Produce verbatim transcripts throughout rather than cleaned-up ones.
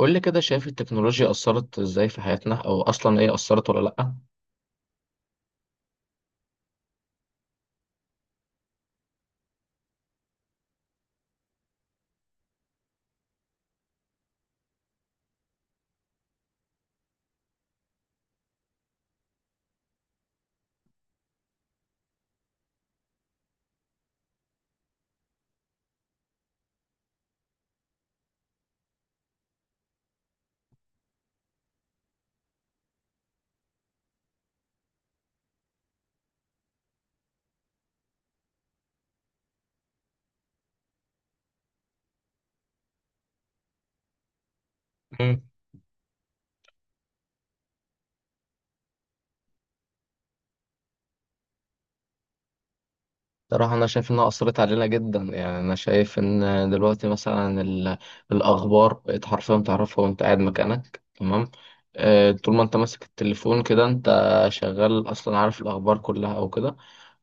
قول لي كده، شايف التكنولوجيا أثرت إزاي في حياتنا، أو أصلا إيه، أثرت ولا لأ؟ مم. صراحة أنا شايف إنها أثرت علينا جدا، يعني أنا شايف إن دلوقتي مثلا ال- الأخبار بقت حرفيا تعرفها وأنت قاعد مكانك، تمام. آه، طول ما أنت ماسك التليفون كده أنت شغال، أصلا عارف الأخبار كلها أو كده.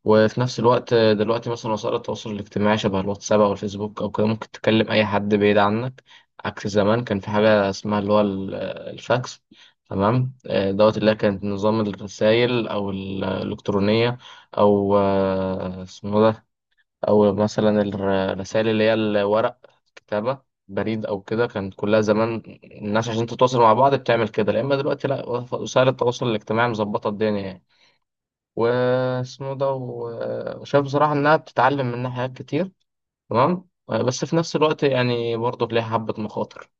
وفي نفس الوقت آه، دلوقتي مثلا وسائل التواصل الاجتماعي شبه الواتساب او الفيسبوك او كده، ممكن تكلم اي حد بعيد عنك، عكس زمان. كان في حاجه اسمها اللي هو ال- آه، الفاكس، تمام، آه، دوت، اللي هي كانت نظام الرسائل او ال- الالكترونيه، او آه، اسمه ده، او مثلا الر- الرسائل اللي هي الورق، كتابه، بريد او كده. كانت كلها زمان الناس عشان تتواصل مع بعض بتعمل كده، لا اما دلوقتي لا، وسائل التواصل الاجتماعي مظبطه الدنيا يعني. واسمه ده و- وشايف بصراحة إنها بتتعلم منها حاجات كتير، تمام، بس في نفس الوقت يعني برضه ليها حبة مخاطر.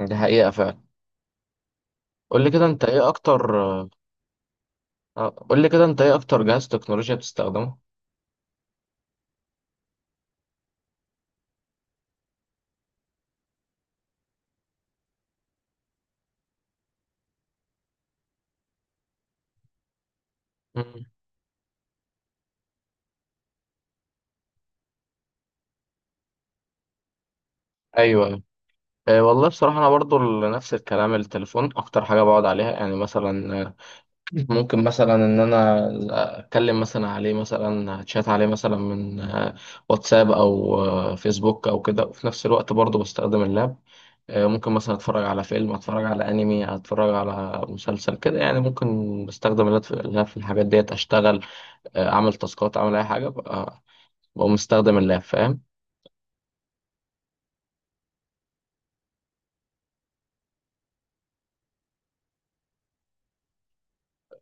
دي حقيقة فعلا. قول لي كده أنت إيه أكتر. آه، قول لي كده أنت إيه أكتر جهاز تكنولوجيا بتستخدمه؟ مم. أيوه، أيوه. آه، والله بصراحة أنا برضه ال- نفس الكلام، التليفون أكتر حاجة بقعد عليها، يعني مثلا آه، ممكن مثلا إن أنا أتكلم مثلا عليه، مثلا أتشات عليه، مثلا من آه، واتساب أو آه، فيسبوك أو كده. وفي نفس الوقت برضه بستخدم اللاب، آه، ممكن مثلا اتفرج على فيلم، اتفرج على انمي، اتفرج على مسلسل كده، يعني ممكن بستخدم اللاب، في اللاب في الحاجات ديت اشتغل، آه، اعمل تاسكات، اعمل اي حاجه بقى، بقوم مستخدم اللاب، فاهم.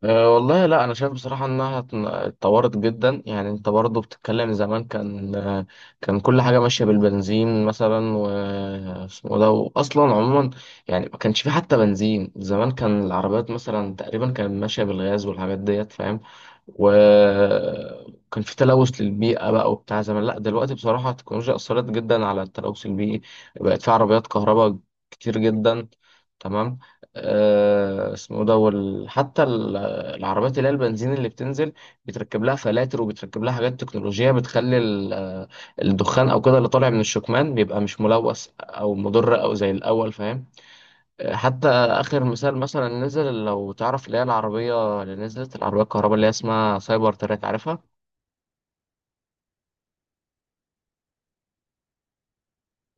أه والله لا، انا شايف بصراحه انها ات- اتطورت جدا، يعني انت برضو بتتكلم، زمان كان آه، كان كل حاجه ماشيه بالبنزين مثلا واسمه ده، واصلا عموما يعني ما كانش في حتى بنزين. زمان كان العربيات مثلا تقريبا كانت ماشيه بالغاز والحاجات ديت، فاهم، وكان في تلوث للبيئه بقى وبتاع زمان. لا دلوقتي بصراحه التكنولوجيا اثرت جدا على التلوث البيئي، بقت في عربيات كهرباء كتير جدا، تمام. آه اسمه ده وال- حتى ال- العربيات اللي هي البنزين اللي بتنزل بيتركب لها فلاتر، وبيتركب لها حاجات تكنولوجية بتخلي ال- آه، الدخان او كده اللي طالع من الشكمان بيبقى مش ملوث او مضر او زي الاول، فاهم. آه، حتى اخر مثال مثلا نزل، لو تعرف اللي هي العربية اللي نزلت، العربية الكهرباء اللي هي اسمها سايبر تراك، عارفها؟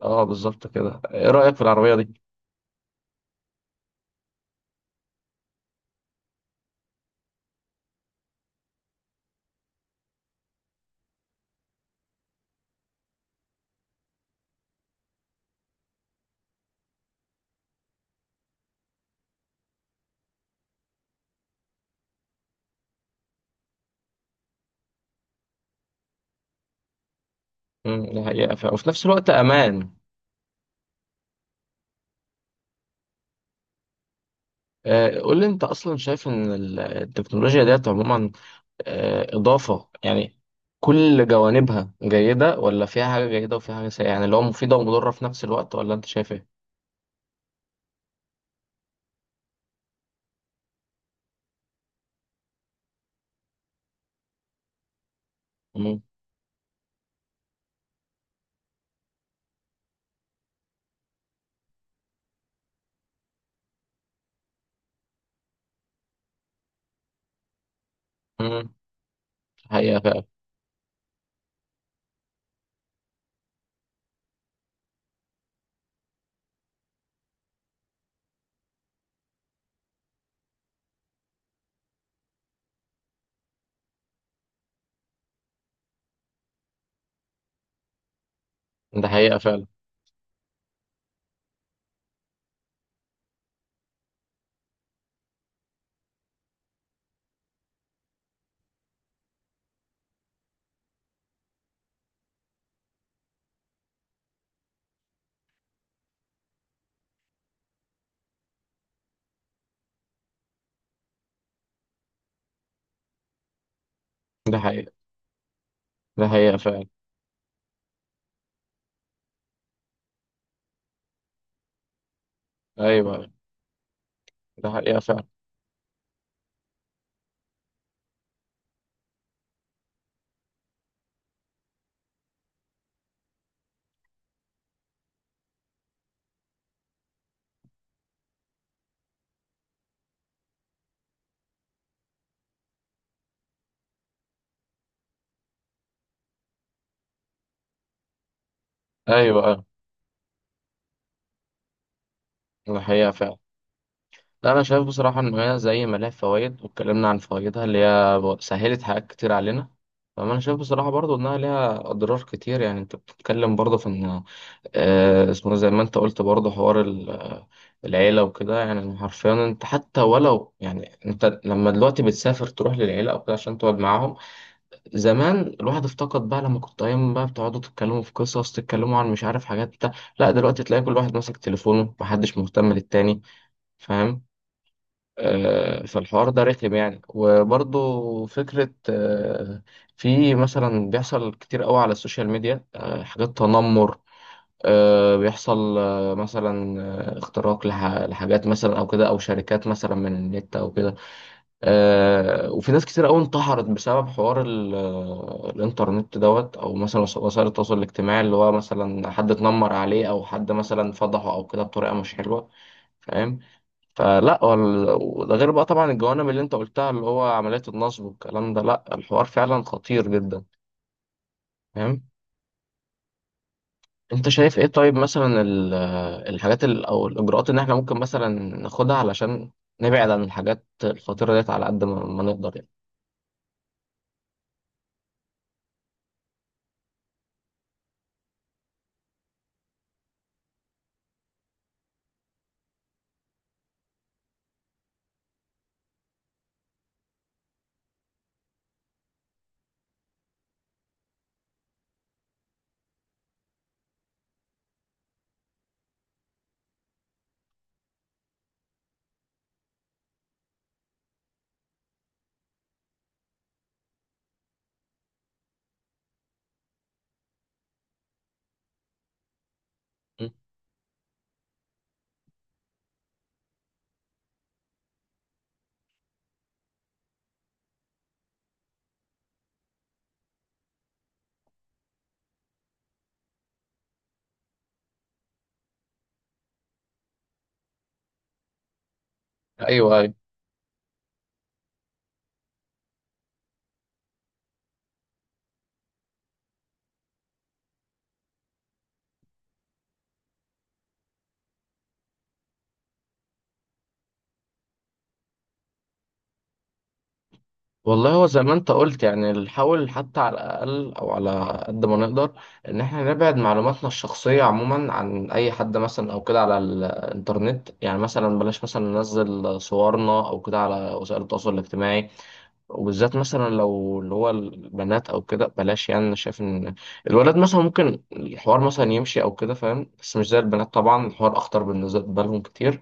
اه بالظبط كده، ايه رأيك في العربية دي؟ مم، دي حقيقة فعلا. وفي نفس الوقت امان. آه، قول لي انت، اصلا شايف ان ال- التكنولوجيا ديت عموما آه، إضافة يعني، كل جوانبها جيدة، ولا فيها حاجة جيدة وفيها حاجة سيئة، يعني اللي هو مفيدة ومضرة في نفس الوقت، ولا أنت شايف إيه؟ مم. مم. حقيقة فعلا. ده حقيقة فعلا. ده حقيقة. ده حقيقة فعلا. أيوه. ده حقيقة فعلا. أيوه، أيوه. ده حقيقة فعلا. لا انا شايف بصراحه ان هي زي ما لها فوائد واتكلمنا عن فوائدها اللي هي ب- سهلت حاجات كتير علينا، فانا شايف بصراحه برضو انها ليها اضرار كتير، يعني انت بتتكلم برضو في ان آه، اسمه، زي ما انت قلت برضو، حوار ال- آه، العيله وكده. يعني حرفيا انت حتى ولو يعني، انت لما دلوقتي بتسافر تروح للعيله او كده عشان تقعد معاهم، زمان الواحد افتقد بقى لما كنت ايام بقى بتقعدوا تتكلموا في قصص، تتكلموا عن مش عارف حاجات بتاع، لا دلوقتي تلاقي كل واحد ماسك تليفونه، محدش مهتم للتاني، فاهم. آه، فالحوار ده رخم يعني. وبرضه فكرة، آه، في مثلا بيحصل كتير قوي على السوشيال ميديا آه، حاجات تنمر، آه، بيحصل آه، مثلا آه، اختراق لح- لحاجات مثلا او كده، او شركات مثلا من النت او كده. آه، وفي ناس كتير قوي انتحرت بسبب حوار ال- آه، الانترنت دوت، او مثلا وس- وسائل التواصل الاجتماعي، اللي هو مثلا حد اتنمر عليه او حد مثلا فضحه او كده بطريقة مش حلوة، فاهم. فلا، وال- وده غير بقى طبعا الجوانب اللي انت قلتها اللي هو عملية النصب والكلام ده، لا الحوار فعلا خطير جدا، فاهم. انت شايف ايه، طيب مثلا ال- الحاجات ال- او الاجراءات اللي احنا ممكن مثلا ناخدها علشان نبعد عن الحاجات الخطيرة ديت على قد ما ما نقدر يعني؟ م؟ ايوه. والله هو زي ما انت قلت، يعني نحاول حتى على الأقل أو على قد ما نقدر إن احنا نبعد معلوماتنا الشخصية عموما عن أي حد، مثلا أو كده على الإنترنت، يعني مثلا بلاش مثلا ننزل صورنا أو كده على وسائل التواصل الاجتماعي، وبالذات مثلا لو اللي هو البنات أو كده بلاش. يعني أنا شايف إن الولاد مثلا ممكن الحوار مثلا يمشي أو كده، فاهم، بس مش زي البنات. طبعا الحوار أخطر بالنسبة لهم كتير.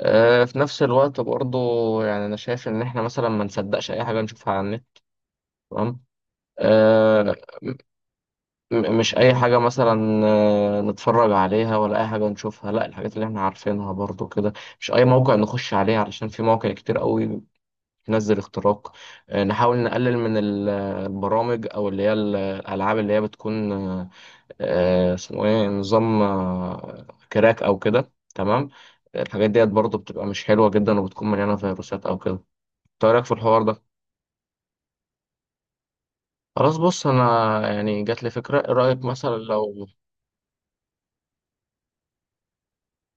آه، في نفس الوقت برضه يعني أنا شايف إن احنا مثلا ما نصدقش أي حاجة نشوفها على النت، تمام. آه م- مش اي حاجه مثلا آه، نتفرج عليها ولا اي حاجه نشوفها، لا الحاجات اللي احنا عارفينها برضو كده. مش اي موقع نخش عليه، علشان في مواقع كتير قوي بتنزل اختراق. آه نحاول نقلل من ال- البرامج او اللي هي ال- الالعاب اللي هي بتكون آه، آه، اسمه ايه، نظام آه، كراك او كده، تمام. الحاجات ديت برضو بتبقى مش حلوه جدا وبتكون مليانه فيروسات او كده. إنت إيه رايك في الحوار ده؟ خلاص بص، انا يعني جات لي فكره، ايه رايك مثلا لو...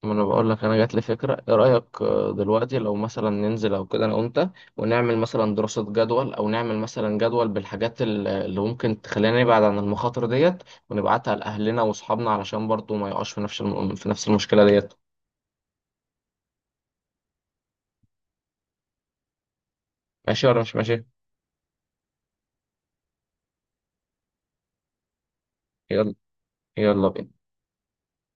ما انا بقول لك، انا جات لي فكره، ايه رايك آه، دلوقتي لو مثلا ننزل او كده انا وانت، ونعمل مثلا دراسه، جدول، او نعمل مثلا جدول بالحاجات ال- اللي ممكن تخلينا نبعد عن المخاطر ديت، ونبعتها لاهلنا واصحابنا علشان برضو ما يقعش في نفس الم... في نفس المشكله ديت، ماشي ولا مش ماشي؟ يلا، يلا بينا.